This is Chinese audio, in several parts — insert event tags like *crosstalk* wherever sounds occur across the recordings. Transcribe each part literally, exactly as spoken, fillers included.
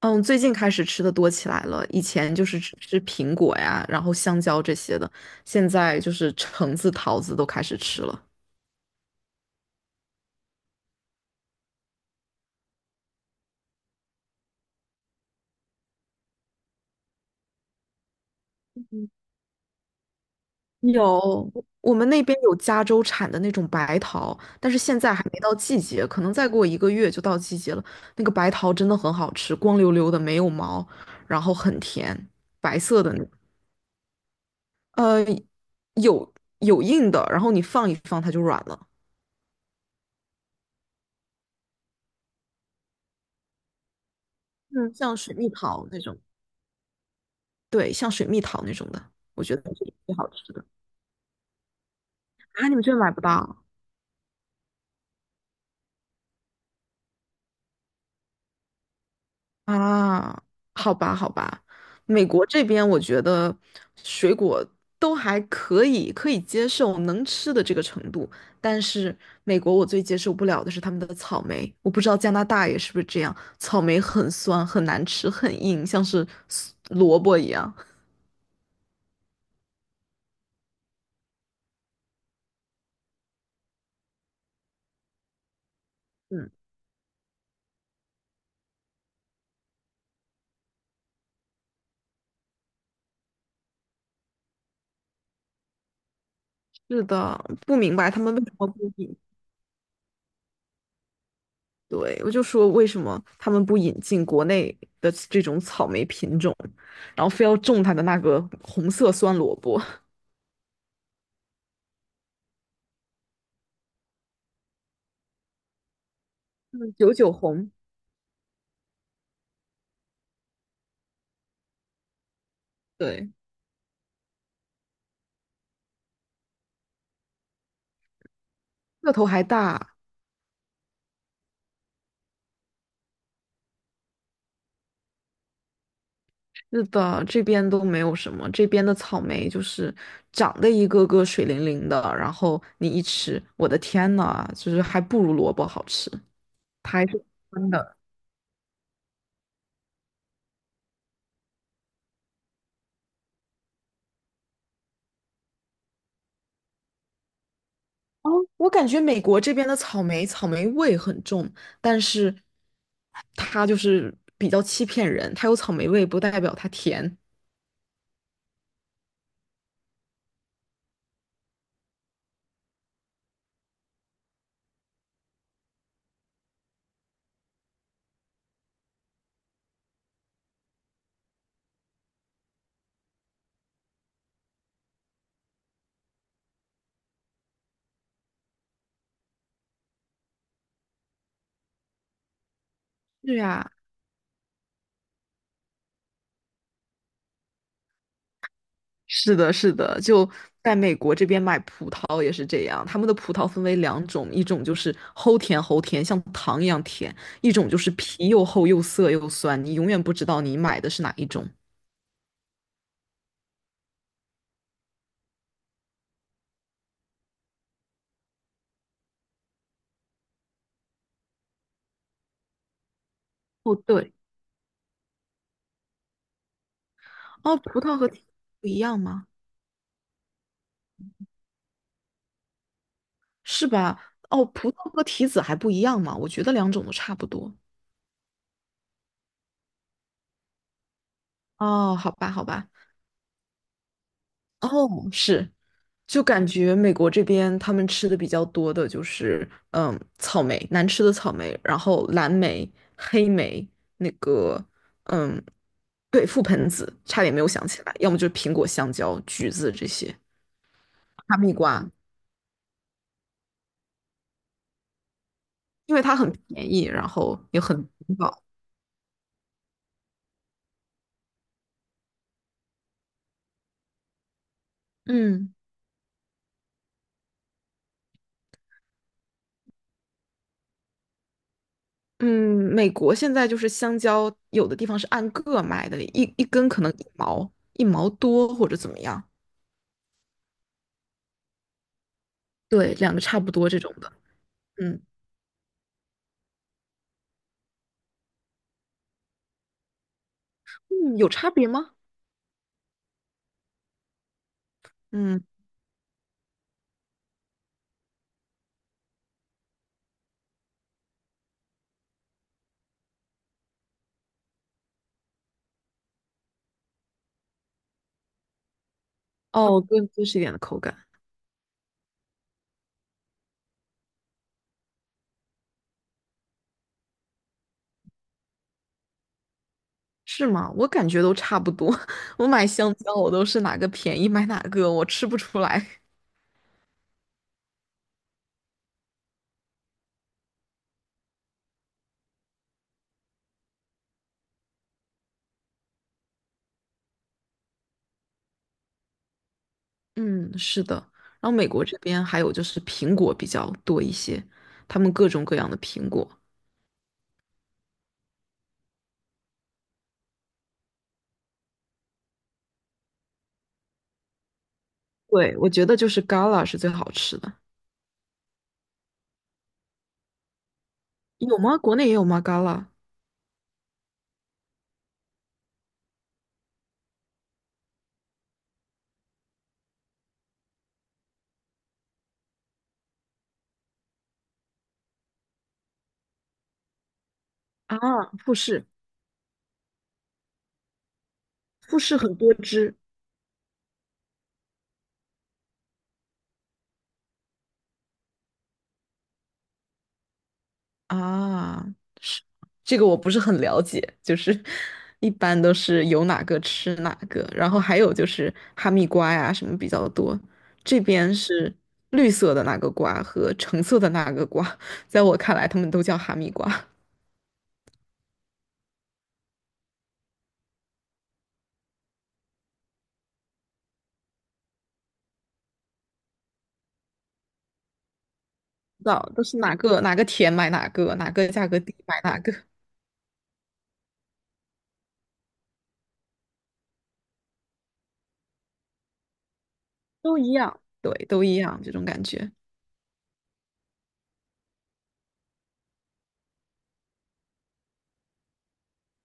嗯，最近开始吃的多起来了，以前就是吃吃苹果呀，然后香蕉这些的，现在就是橙子、桃子都开始吃了。有，我们那边有加州产的那种白桃，但是现在还没到季节，可能再过一个月就到季节了。那个白桃真的很好吃，光溜溜的，没有毛，然后很甜，白色的那种呃，有有硬的，然后你放一放它就软了，嗯，像水蜜桃那种。对，像水蜜桃那种的，我觉得是最好吃的。啊，你们这买不到啊？好吧，好吧，美国这边我觉得水果都还可以，可以接受能吃的这个程度，但是美国我最接受不了的是他们的草莓，我不知道加拿大也是不是这样，草莓很酸，很难吃，很硬，像是萝卜一样。嗯，是的，不明白他们为什么不对，我就说为什么他们不引进国内的这种草莓品种，然后非要种它的那个红色酸萝卜，嗯，九九红，对，个头还大。是的，这边都没有什么，这边的草莓就是长得一个个水灵灵的，然后你一吃，我的天呐，就是还不如萝卜好吃，它还是酸的。哦，我感觉美国这边的草莓草莓味很重，但是它就是比较欺骗人，它有草莓味不代表它甜。是呀，是的，是的，就在美国这边买葡萄也是这样，他们的葡萄分为两种，一种就是齁甜齁甜，像糖一样甜，一种就是皮又厚又涩又酸，你永远不知道你买的是哪一种。哦，对，哦，葡萄和提子不一样吗？是吧？哦，葡萄和提子还不一样吗？我觉得两种都差不多。哦，好吧，好吧，哦，是，就感觉美国这边他们吃的比较多的就是，嗯，草莓，难吃的草莓，然后蓝莓、黑莓，那个，嗯，对，覆盆子，差点没有想起来，要么就是苹果、香蕉、橘子这些，哈密瓜，因为它很便宜，然后也很环保。嗯嗯，美国现在就是香蕉，有的地方是按个卖的，一一根可能一毛一毛多或者怎么样。对，两个差不多这种的。嗯嗯，有差别吗？嗯，哦，更结实一点的口感是吗？我感觉都差不多。*laughs* 我买香蕉，我都是哪个便宜买哪个，我吃不出来。嗯，是的。然后美国这边还有就是苹果比较多一些，他们各种各样的苹果。对，我觉得就是 Gala 是最好吃的。有吗？国内也有吗？Gala 啊，富士，富士很多汁啊。这个我不是很了解，就是 *laughs* 一般都是有哪个吃哪个，然后还有就是哈密瓜呀什么比较多。这边是绿色的那个瓜和橙色的那个瓜，在我看来，他们都叫哈密瓜，*laughs* 不知道都是哪个哪个甜买哪个，哪个价格低买哪个，都一样，对，都一样这种感觉。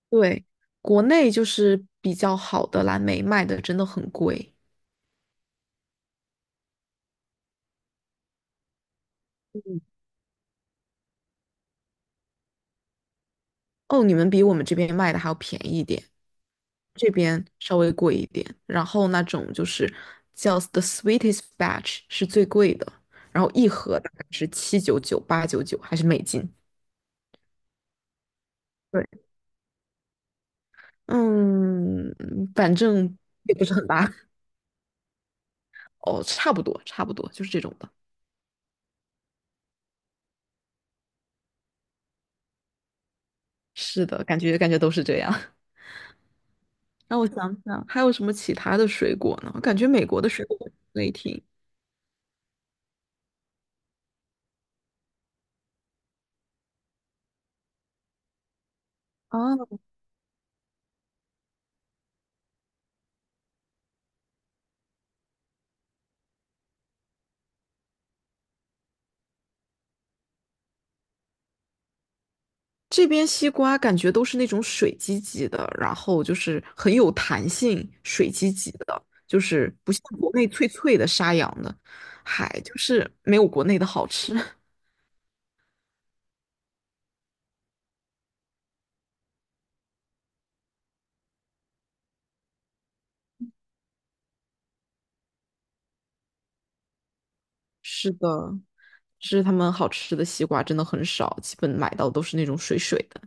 对，国内就是比较好的蓝莓卖的真的很贵。嗯，哦，你们比我们这边卖的还要便宜一点。这边稍微贵一点，然后那种就是叫 The Sweetest Batch 是最贵的，然后一盒大概是七点九九、八点九九，还是美金？对，嗯，反正也不是很大，哦，差不多，差不多就是这种的。是的，感觉感觉都是这样。*laughs* 让我想想，还有什么其他的水果呢？我感觉美国的水果类挺……啊。这边西瓜感觉都是那种水唧唧的，然后就是很有弹性，水唧唧的，就是不像国内脆脆的沙瓤的，还就是没有国内的好吃。*laughs* 是的，是他们好吃的西瓜真的很少，基本买到都是那种水水的。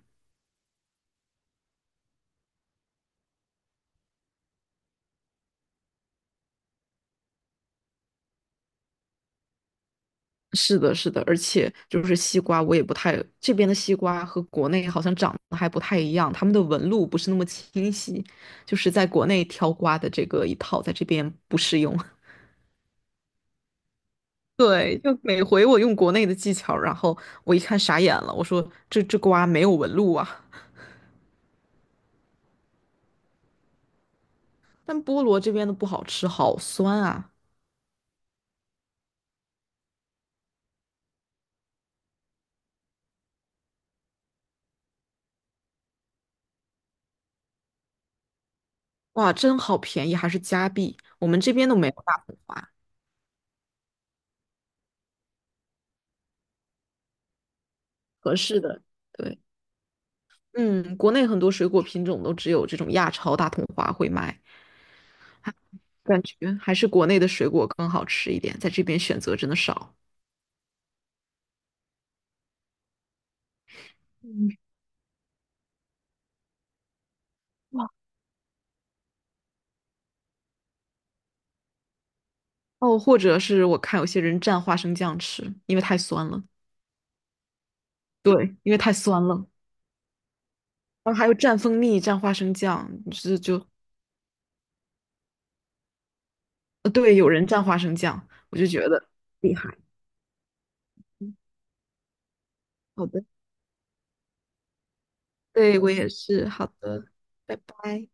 是的，是的，而且就是西瓜，我也不太，这边的西瓜和国内好像长得还不太一样，他们的纹路不是那么清晰，就是在国内挑瓜的这个一套，在这边不适用。对，就每回我用国内的技巧，然后我一看傻眼了，我说这这瓜没有纹路啊。但菠萝这边的不好吃，好酸啊！哇，真好便宜，还是加币。我们这边都没有大统花合适的，对，嗯，国内很多水果品种都只有这种亚超大统花会卖，感觉还是国内的水果更好吃一点，在这边选择真的少。嗯，哇，哦，或者是我看有些人蘸花生酱吃，因为太酸了。对，因为太酸了。然后还有蘸蜂蜜、蘸花生酱，就是就呃，对，有人蘸花生酱，我就觉得厉害。嗯好的，对，我也是。好的，拜拜。